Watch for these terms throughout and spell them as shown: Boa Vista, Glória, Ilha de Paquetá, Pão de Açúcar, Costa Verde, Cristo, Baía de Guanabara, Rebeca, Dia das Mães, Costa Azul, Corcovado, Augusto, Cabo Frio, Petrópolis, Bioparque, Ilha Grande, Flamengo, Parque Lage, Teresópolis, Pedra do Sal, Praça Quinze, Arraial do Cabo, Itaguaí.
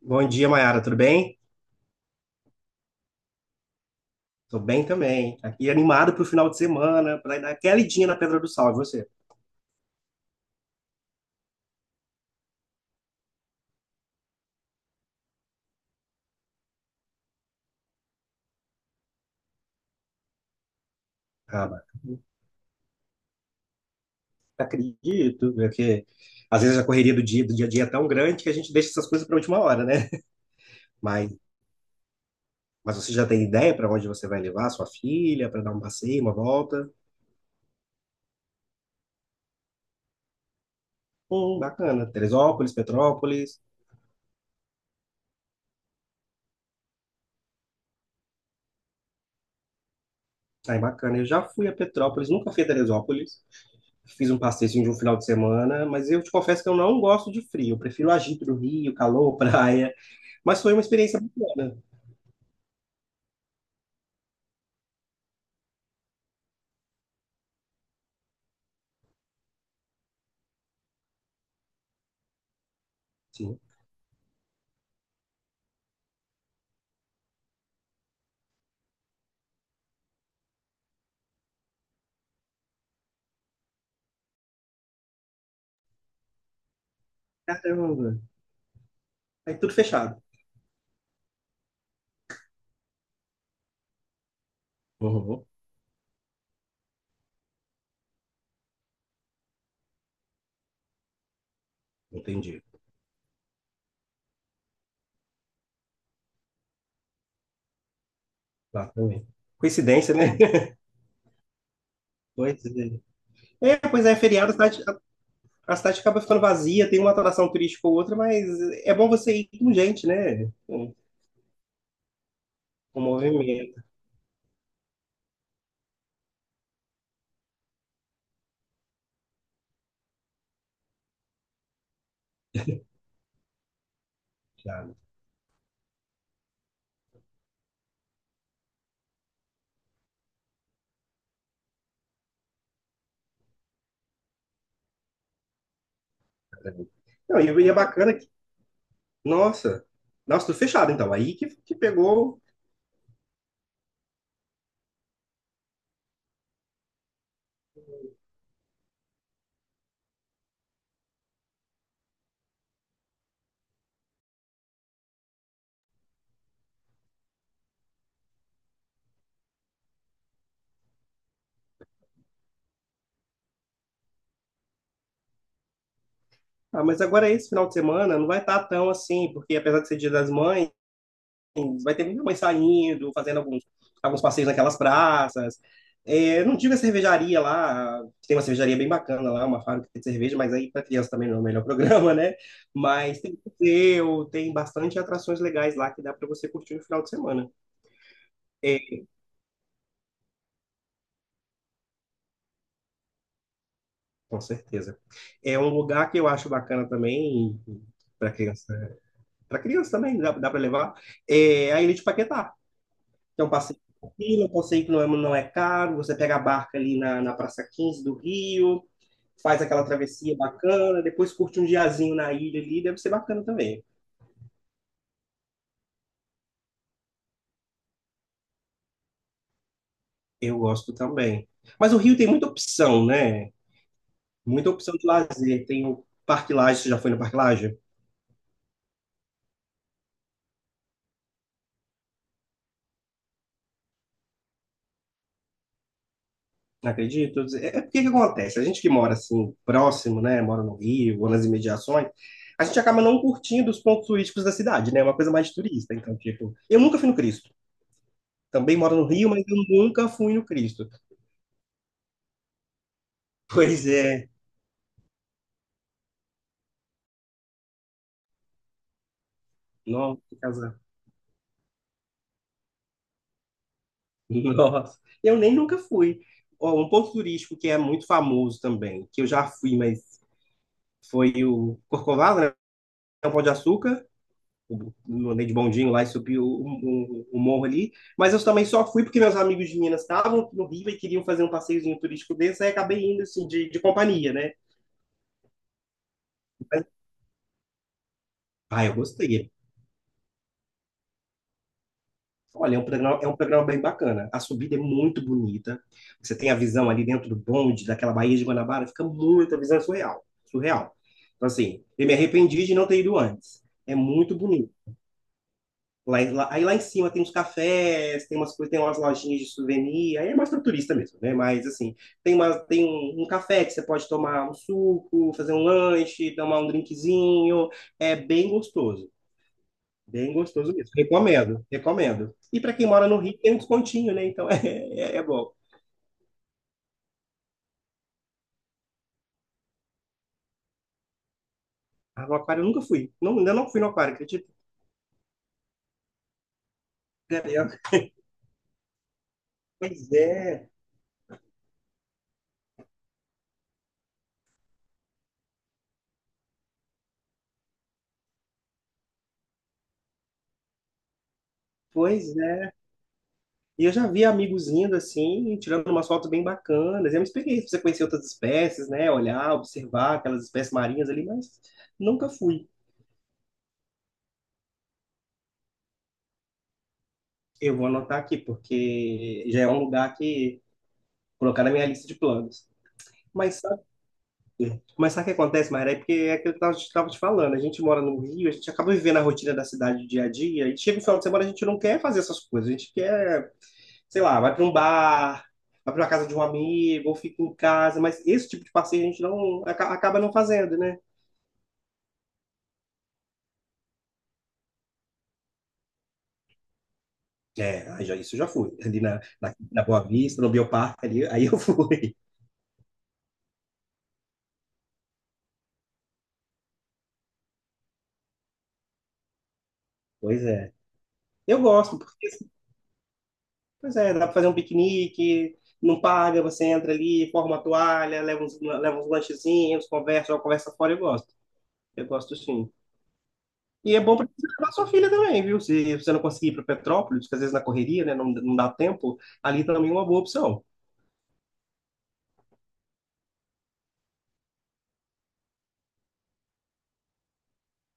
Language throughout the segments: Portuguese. Bom dia, Mayara, tudo bem? Tô bem também. Aqui animado pro final de semana, pra dar aquela idinha na Pedra do Sal, e você? Ah, mas acredito, porque às vezes a correria do dia a dia é tão grande que a gente deixa essas coisas pra última hora, né? Mas, mas você já tem ideia pra onde você vai levar sua filha, pra dar um passeio, uma volta? Bacana. Teresópolis, Petrópolis. Ai, bacana. Eu já fui a Petrópolis, nunca fui a Teresópolis. Fiz um passeio de um final de semana, mas eu te confesso que eu não gosto de frio. Eu prefiro o agito do Rio, calor, praia. Mas foi uma experiência bacana. Sim. Caramba. Tá. Aí tudo fechado. Uhum. Entendi. Lá também. Coincidência, né? Pois é. É, pois é, feriado, a cidade, a cidade acaba ficando vazia, tem uma atração turística ou outra, mas é bom você ir com gente, né? Com movimento. Claro, caramba. Não, e é bacana que, nossa, nossa, tudo fechado, então. Aí que pegou. Ah, mas agora é esse final de semana não vai estar tão assim, porque apesar de ser Dia das Mães, vai ter muita mãe saindo, fazendo alguns, alguns passeios naquelas praças. É, não tive a cervejaria lá, tem uma cervejaria bem bacana lá, uma fábrica de cerveja, mas aí para criança também não é o melhor programa, né? Mas tem museu, tem bastante atrações legais lá que dá para você curtir no final de semana. É, com certeza. É um lugar que eu acho bacana também para criança. Para criança também, dá, dá para levar. É a Ilha de Paquetá. Então, passeio tranquilo, um passeio que não é, não é caro, você pega a barca ali na Praça 15 do Rio, faz aquela travessia bacana, depois curte um diazinho na ilha ali, deve ser bacana também. Eu gosto também. Mas o Rio tem muita opção, né? Muita opção de lazer. Tem o Parque Lage, você já foi no Parque Lage? Não acredito. É, é porque que acontece? A gente que mora assim, próximo, né? Mora no Rio ou nas imediações, a gente acaba não curtindo os pontos turísticos da cidade, né? É uma coisa mais de turista. Então, tipo, eu nunca fui no Cristo. Também moro no Rio, mas eu nunca fui no Cristo. Pois é. Nossa, que casa. Nossa. Eu nem nunca fui. Ó, um ponto turístico que é muito famoso também, que eu já fui, mas foi o Corcovado, né? O Pão de Açúcar. Eu andei de bondinho lá e subi o morro ali. Mas eu também só fui porque meus amigos de Minas estavam no Rio e queriam fazer um passeiozinho turístico desse, aí acabei indo assim, de companhia, né? Mas, ah, eu gostei. Olha, é um programa bem bacana. A subida é muito bonita. Você tem a visão ali dentro do bonde, daquela Baía de Guanabara, fica muito, a visão é surreal, surreal. Então, assim, eu me arrependi de não ter ido antes. É muito bonito. Lá, aí lá em cima tem uns cafés, tem umas coisas, tem umas lojinhas de souvenir, aí é mais para turista mesmo, né? Mas assim, tem uma, tem um, um café que você pode tomar um suco, fazer um lanche, tomar um drinkzinho, é bem gostoso. Bem gostoso mesmo. Recomendo, recomendo. E para quem mora no Rio, tem um descontinho, né? Então é bom. Ah, no aquário eu nunca fui. Não, ainda não fui no aquário, acredito. Pois é, pois é. E eu já vi amigos indo assim, tirando umas fotos bem bacanas. É uma experiência pra você conhecer outras espécies, né? Olhar, observar aquelas espécies marinhas ali, mas nunca fui. Eu vou anotar aqui, porque já é um lugar que colocar na minha lista de planos. Mas Mas sabe o que acontece, Mayra? É porque é aquilo que eu estava te falando. A gente mora no Rio, a gente acaba vivendo a rotina da cidade dia a dia, e chega o final de semana, a gente não quer fazer essas coisas. A gente quer, sei lá, vai para um bar, vai para a casa de um amigo, ou fica em casa, mas esse tipo de passeio a gente acaba não fazendo, né? É, aí já, isso eu já fui. Ali na Boa Vista, no Bioparque, ali, aí eu fui. Pois é. Eu gosto, porque pois é, dá para fazer um piquenique, não paga, você entra ali, forma a toalha, leva uns lanchezinhos, conversa, joga conversa fora, eu gosto. Eu gosto sim. E é bom para levar sua filha também, viu? Se você não conseguir ir para Petrópolis, que às vezes na correria, né, não, não dá tempo, ali também é uma boa opção.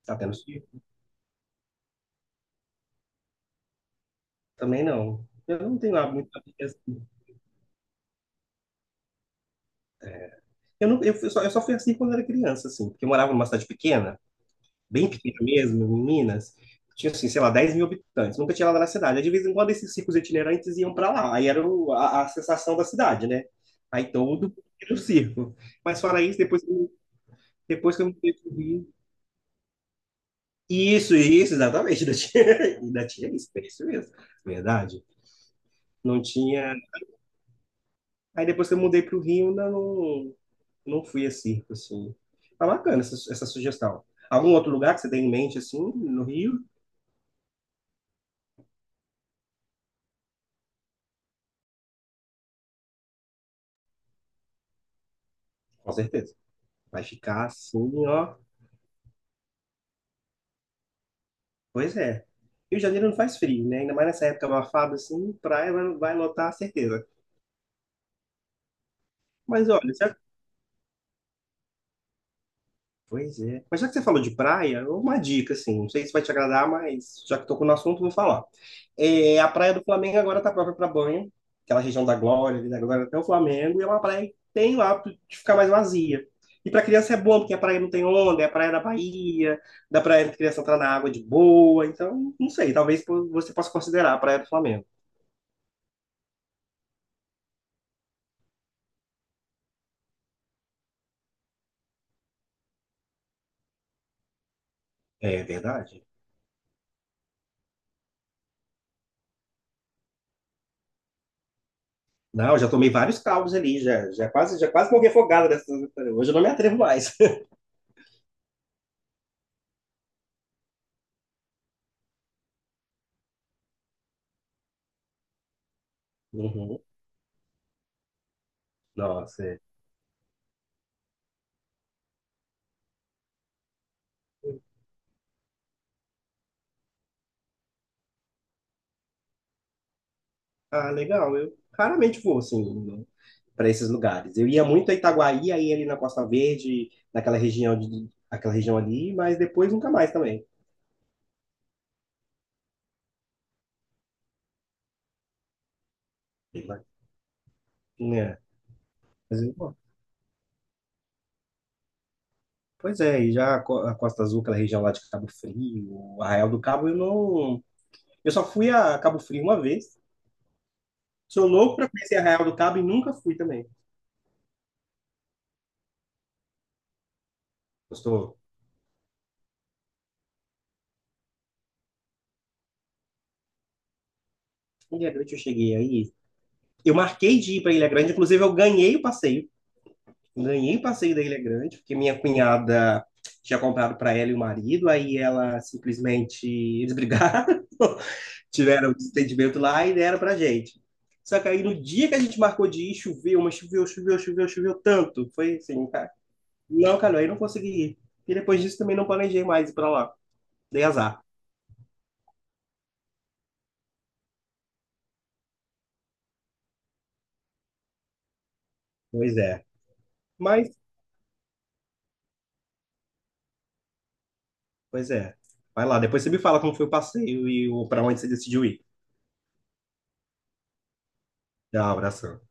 Tá tendo filho? Também não. Eu não tenho lá muita assim. Eu, não, eu, fui só, eu só fui assim quando era criança, assim, porque eu morava numa cidade pequena. Bem pequena mesmo, em Minas, tinha, assim, sei lá, 10.000 habitantes, nunca tinha lá na cidade. Aí, de vez em quando, esses circos itinerantes iam para lá, aí era a sensação da cidade, né? Aí todo mundo era o circo. Mas fora isso, depois, depois que eu me pro Rio. Isso, exatamente, ainda tinha, ainda tinha isso, é isso mesmo, verdade. Não tinha. Aí depois que eu mudei para o Rio, ainda não, não fui a circo, assim. Tá bacana essa, essa sugestão. Algum outro lugar que você tem em mente, assim, no Rio? Com certeza. Vai ficar assim, ó. Pois é. Rio de Janeiro não faz frio, né? Ainda mais nessa época abafada, assim, praia vai, vai lotar, certeza. Mas olha, já... pois é. Mas já que você falou de praia, uma dica, assim, não sei se vai te agradar, mas já que tocou no assunto, vou falar. É, a praia do Flamengo agora tá própria para banho, aquela região da Glória, ali da Glória até o Flamengo, e é uma praia que tem o hábito de ficar mais vazia. E para criança é bom, porque a praia não tem onda, é a praia da Bahia, dá pra criança entrar na água de boa, então, não sei, talvez você possa considerar a praia do Flamengo. É verdade. Não, já tomei vários caldos ali, já, já quase morri afogado nessa. Hoje eu não me atrevo mais. Uhum. Nossa, é. Ah, legal. Eu raramente vou assim para esses lugares. Eu ia muito a Itaguaí, aí ali na Costa Verde, naquela região de, aquela região ali, mas depois nunca mais também. É, mas eu- bom, pois é, e já a Costa Azul, aquela região lá de Cabo Frio, Arraial do Cabo, eu não, eu só fui a Cabo Frio uma vez. Sou louco para conhecer Arraial do Cabo e nunca fui também. Gostou? Em Ilha Grande eu cheguei aí. Eu marquei de ir para Ilha Grande, inclusive eu ganhei o passeio. Ganhei o passeio da Ilha Grande, porque minha cunhada tinha comprado para ela e o marido, aí ela simplesmente eles brigaram, tiveram um desentendimento lá e deram pra gente. Só que aí no dia que a gente marcou de ir, choveu, mas choveu, choveu, choveu, choveu tanto. Foi assim, cara. Não, cara, aí não consegui ir. E depois disso também não planejei mais ir pra lá. Dei azar. Pois é. Mas, pois é. Vai lá, depois você me fala como foi o passeio e o para onde você decidiu ir. Tchau, abração.